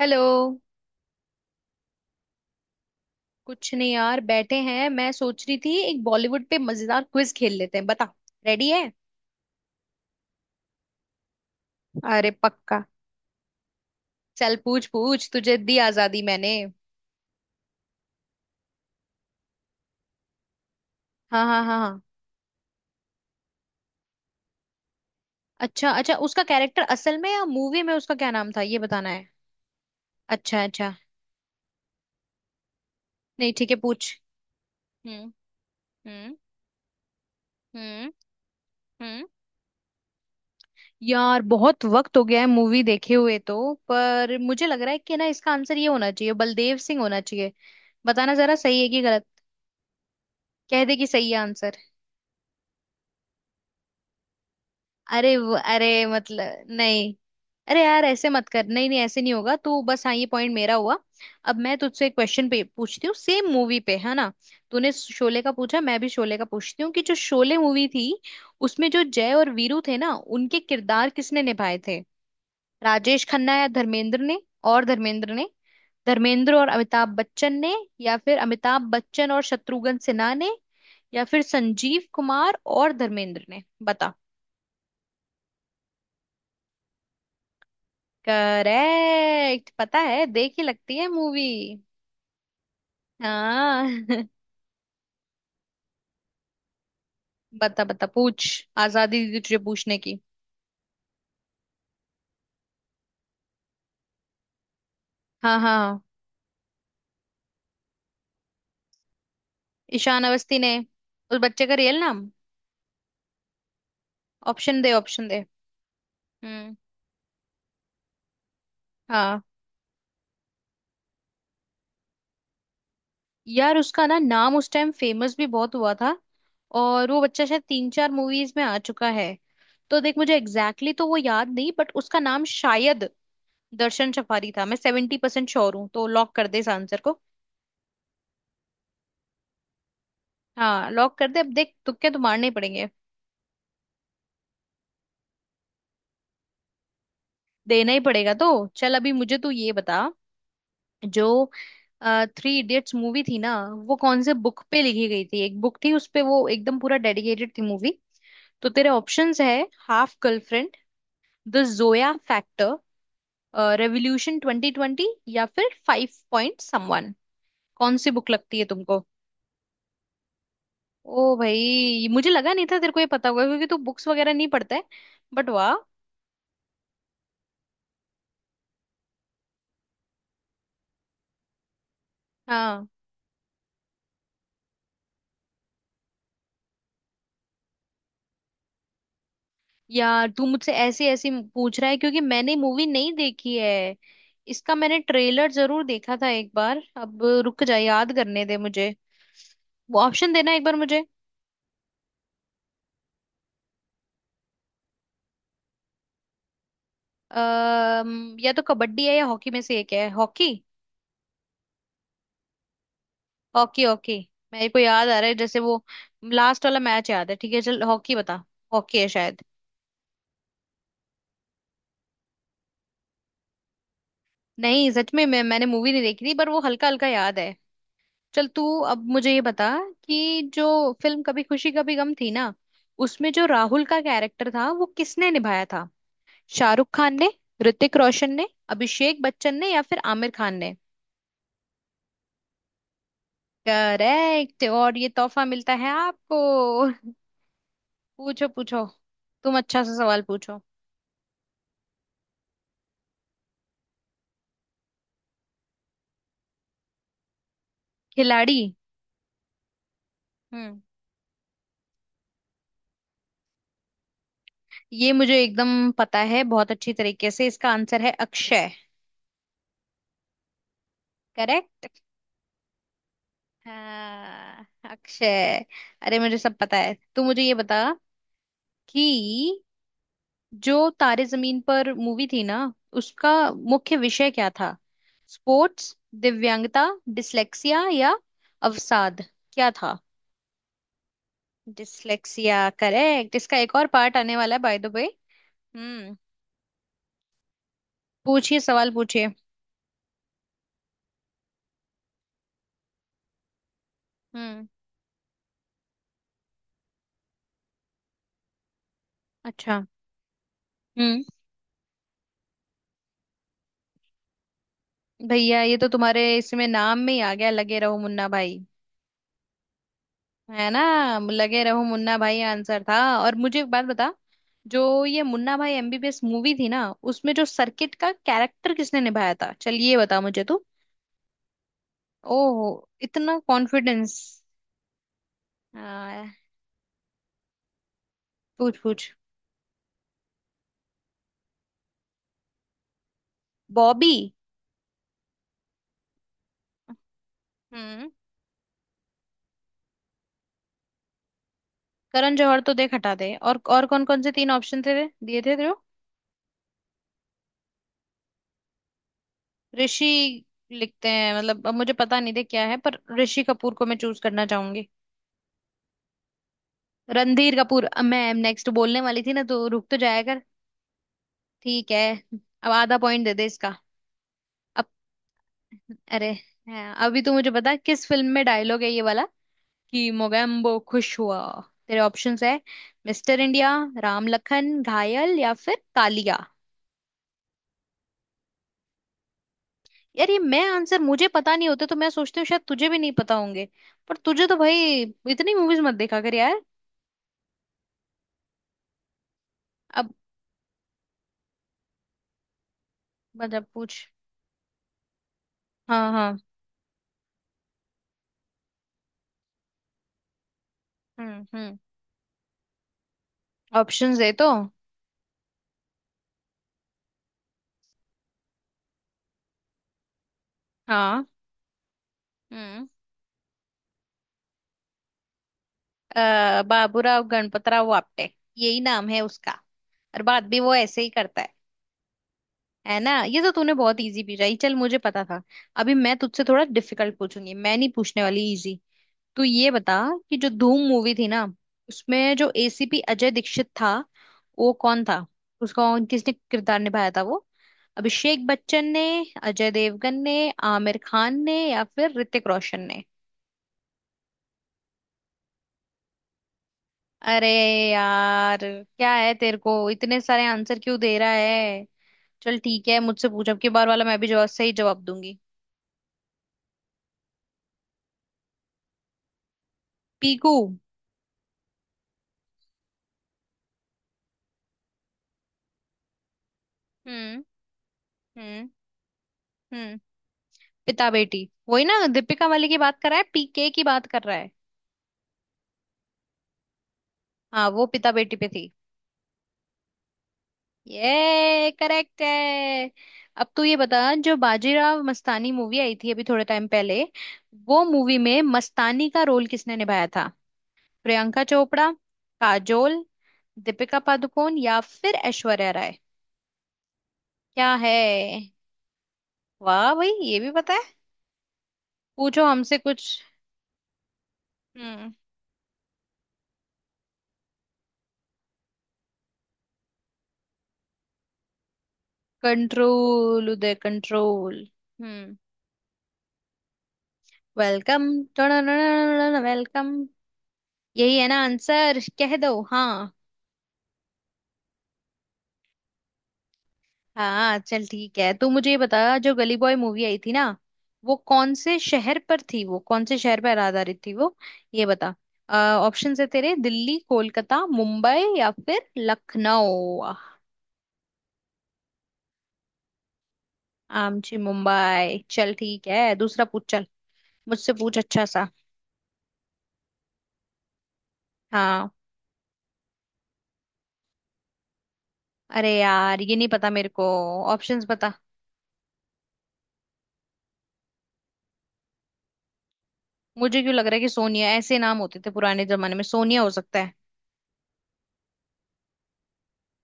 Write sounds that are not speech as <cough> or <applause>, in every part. Hello. कुछ नहीं यार बैठे हैं। मैं सोच रही थी एक बॉलीवुड पे मजेदार क्विज खेल लेते हैं। बता रेडी है। अरे पक्का। चल पूछ पूछ, तुझे दी आजादी मैंने। हाँ हाँ हाँ हाँ। अच्छा अच्छा, उसका कैरेक्टर असल में या मूवी में उसका क्या नाम था ये बताना है। अच्छा अच्छा। नहीं ठीक है पूछ। हम्म हम्म हम्म हम्म। यार बहुत वक्त हो गया है मूवी देखे हुए तो, पर मुझे लग रहा है कि ना इसका आंसर ये होना चाहिए, बलदेव सिंह होना चाहिए। बताना जरा सही है कि गलत। कह दे कि सही है। अरे मतलब नहीं। अरे यार ऐसे मत कर। नहीं नहीं ऐसे नहीं होगा तू बस। हाँ ये पॉइंट मेरा हुआ। अब मैं तुझसे एक क्वेश्चन पे पूछती हूँ, सेम मूवी पे है ना। तूने शोले का पूछा, मैं भी शोले का पूछती हूँ कि जो शोले मूवी थी उसमें जो जय और वीरू थे ना उनके किरदार किसने निभाए थे। राजेश खन्ना या धर्मेंद्र ने। और धर्मेंद्र ने। धर्मेंद्र और अमिताभ बच्चन ने। या फिर अमिताभ बच्चन और शत्रुघ्न सिन्हा ने। या फिर संजीव कुमार और धर्मेंद्र ने बता। करेक्ट, पता है देख ही लगती है मूवी। हाँ। <laughs> बता बता पूछ। आजादी दी तुझे पूछने की। हाँ हाँ हाँ। ईशान अवस्थी ने। उस बच्चे का रियल नाम। ऑप्शन दे ऑप्शन दे। हम्म। हाँ। यार उसका ना नाम उस टाइम फेमस भी बहुत हुआ था। और वो बच्चा शायद तीन चार मूवीज में आ चुका है। तो देख मुझे एग्जैक्टली तो वो याद नहीं, बट उसका नाम शायद दर्शन सफारी था। मैं 70% श्योर हूँ, तो लॉक कर दे इस आंसर को। हाँ लॉक कर दे। अब देख तुक्के तो मारने ही पड़ेंगे। देना ही पड़ेगा तो चल, अभी मुझे तू ये बता, जो थ्री इडियट्स मूवी थी ना वो कौन से बुक पे लिखी गई थी। एक बुक थी उस पे वो एकदम पूरा डेडिकेटेड थी मूवी। तो तेरे ऑप्शंस है Half Girlfriend, The Zoya Factor, revolution 2020, या फिर फाइव पॉइंट समवन। कौन सी बुक लगती है तुमको। ओ भाई, मुझे लगा नहीं था तेरे को ये पता होगा क्योंकि तू बुक्स वगैरह नहीं पढ़ता है। बट वाह। हाँ। यार तू मुझसे ऐसी ऐसी पूछ रहा है क्योंकि मैंने मूवी नहीं देखी है। इसका मैंने ट्रेलर जरूर देखा था एक बार। अब रुक जा, याद करने दे मुझे। वो ऑप्शन देना एक बार मुझे। अः या तो कबड्डी है या हॉकी, में से एक है। Hockey hockey hockey. मेरे को याद आ रहा है जैसे वो लास्ट वाला मैच याद है। ठीक है चल हॉकी बता। हॉकी है शायद। नहीं सच में, मैंने मूवी नहीं देखी थी पर वो हल्का हल्का याद है। चल तू। अब मुझे ये बता कि जो फिल्म कभी खुशी कभी गम थी ना उसमें जो राहुल का कैरेक्टर था वो किसने निभाया था। शाहरुख खान ने, ऋतिक रोशन ने, अभिषेक बच्चन ने या फिर आमिर खान ने। करेक्ट, और ये तोहफा मिलता है आपको। <laughs> पूछो पूछो। तुम अच्छा सा सवाल पूछो। खिलाड़ी। हम्म। ये मुझे एकदम पता है बहुत अच्छी तरीके से। इसका आंसर है अक्षय। करेक्ट। हाँ। अक्षय। अरे मुझे सब पता है। तू मुझे ये बता कि जो तारे जमीन पर मूवी थी ना उसका मुख्य विषय क्या था। स्पोर्ट्स, दिव्यांगता, डिसलेक्सिया या अवसाद। क्या था। Dyslexia correct. इसका एक और पार्ट आने वाला है बाय द वे। हम्म। पूछिए सवाल पूछिए। हम्म। अच्छा। हम्म। भैया ये तो तुम्हारे इसमें नाम में ही आ गया, लगे रहो मुन्ना भाई। है ना। लगे रहो मुन्ना भाई आंसर था। और मुझे एक बात बता। जो ये मुन्ना भाई एमबीबीएस मूवी थी ना उसमें जो सर्किट का कैरेक्टर किसने निभाया था, चल ये बता मुझे तू। ओहो, इतना कॉन्फिडेंस। हाँ। पूछ पूछ। बॉबी। हम्म। करण जौहर तो देख हटा दे। और कौन कौन से तीन ऑप्शन थे दिए थे जो। ऋषि लिखते हैं मतलब, अब मुझे पता नहीं थे क्या है पर ऋषि कपूर को मैं चूज करना चाहूंगी। रणधीर कपूर, अब मैं नेक्स्ट बोलने वाली थी ना तो रुक तो जाया। ठीक है। अब आधा पॉइंट दे दे इसका। अब अरे हाँ, अभी तू मुझे बता किस फिल्म में डायलॉग है ये वाला कि मोगैम्बो खुश हुआ। तेरे ऑप्शंस है मिस्टर इंडिया, राम लखन, घायल या फिर कालिया। यार ये मैं आंसर मुझे पता नहीं होते तो मैं सोचती हूँ शायद तुझे भी नहीं पता होंगे। पर तुझे तो भाई इतनी मूवीज मत देखा कर यार। अब मतलब पूछ। हाँ हाँ। हम्म। ऑप्शंस दे तो। हाँ। हम्म। बाबूराव गणपतराव आपटे। यही नाम है उसका। और बात भी वो ऐसे ही करता है। है ना। ये तो तूने बहुत इजी पूछा, चल मुझे पता था। अभी मैं तुझसे थोड़ा डिफिकल्ट पूछूंगी। मैं नहीं पूछने वाली इजी। तू ये बता कि जो धूम मूवी थी ना उसमें जो एसीपी अजय दीक्षित था वो कौन था। उसका किसने किरदार निभाया था वो। अभिषेक बच्चन ने, अजय देवगन ने, आमिर खान ने या फिर ऋतिक रोशन ने। अरे यार क्या है, तेरे को इतने सारे आंसर क्यों दे रहा है। चल ठीक है मुझसे पूछ, अब की बार वाला मैं भी जवाब सही जवाब दूंगी। पीकू। हम्म हम्म हम्म। पिता बेटी। वही ना, दीपिका वाली की बात कर रहा है, पीके की बात कर रहा है। हाँ वो पिता बेटी पे थी। ये करेक्ट है। अब तू ये बता, जो बाजीराव मस्तानी मूवी आई थी अभी थोड़े टाइम पहले, वो मूवी में मस्तानी का रोल किसने निभाया था। प्रियंका चोपड़ा, काजोल, दीपिका पादुकोण या फिर ऐश्वर्या राय। क्या है। वाह भाई ये भी पता है। पूछो हमसे कुछ। हम्म। Control Uday control. हम्म। Welcome welcome. यही है ना आंसर, कह दो हाँ। हाँ। चल ठीक है तू मुझे ये बता, जो गली बॉय मूवी आई थी ना वो कौन से शहर पर थी। वो कौन से शहर पर आधारित थी वो, ये बता। ऑप्शन है तेरे दिल्ली, कोलकाता, मुंबई या फिर लखनऊ। आमची मुंबई। चल ठीक है दूसरा पूछ। चल मुझसे पूछ अच्छा सा। हाँ। अरे यार ये नहीं पता मेरे को। ऑप्शंस बता। मुझे क्यों लग रहा है कि सोनिया, ऐसे नाम होते थे पुराने जमाने में। सोनिया हो सकता है।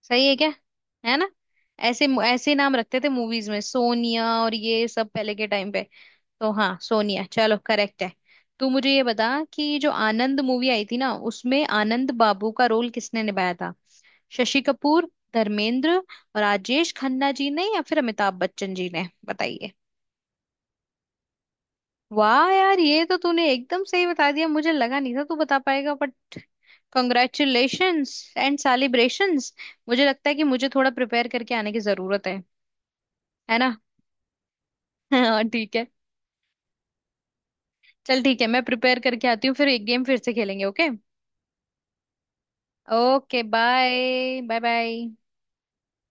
सही है क्या। है ना। ऐसे ऐसे नाम रखते थे मूवीज में सोनिया, और ये सब पहले के टाइम पे। तो हाँ सोनिया, चलो करेक्ट है। तू मुझे ये बता कि जो आनंद मूवी आई थी ना उसमें आनंद बाबू का रोल किसने निभाया था। शशि कपूर, धर्मेंद्र, राजेश खन्ना जी ने या फिर अमिताभ बच्चन जी ने बताइए। वाह यार ये तो तूने एकदम सही बता दिया। मुझे लगा नहीं था तू बता पाएगा, बट कॉन्ग्रेचुलेशंस एंड सेलिब्रेशंस। मुझे लगता है कि मुझे थोड़ा प्रिपेयर करके आने की जरूरत है ना। <laughs> हाँ ठीक है। चल ठीक है मैं प्रिपेयर करके आती हूँ फिर एक गेम फिर से खेलेंगे। Okay. Okay bye bye bye.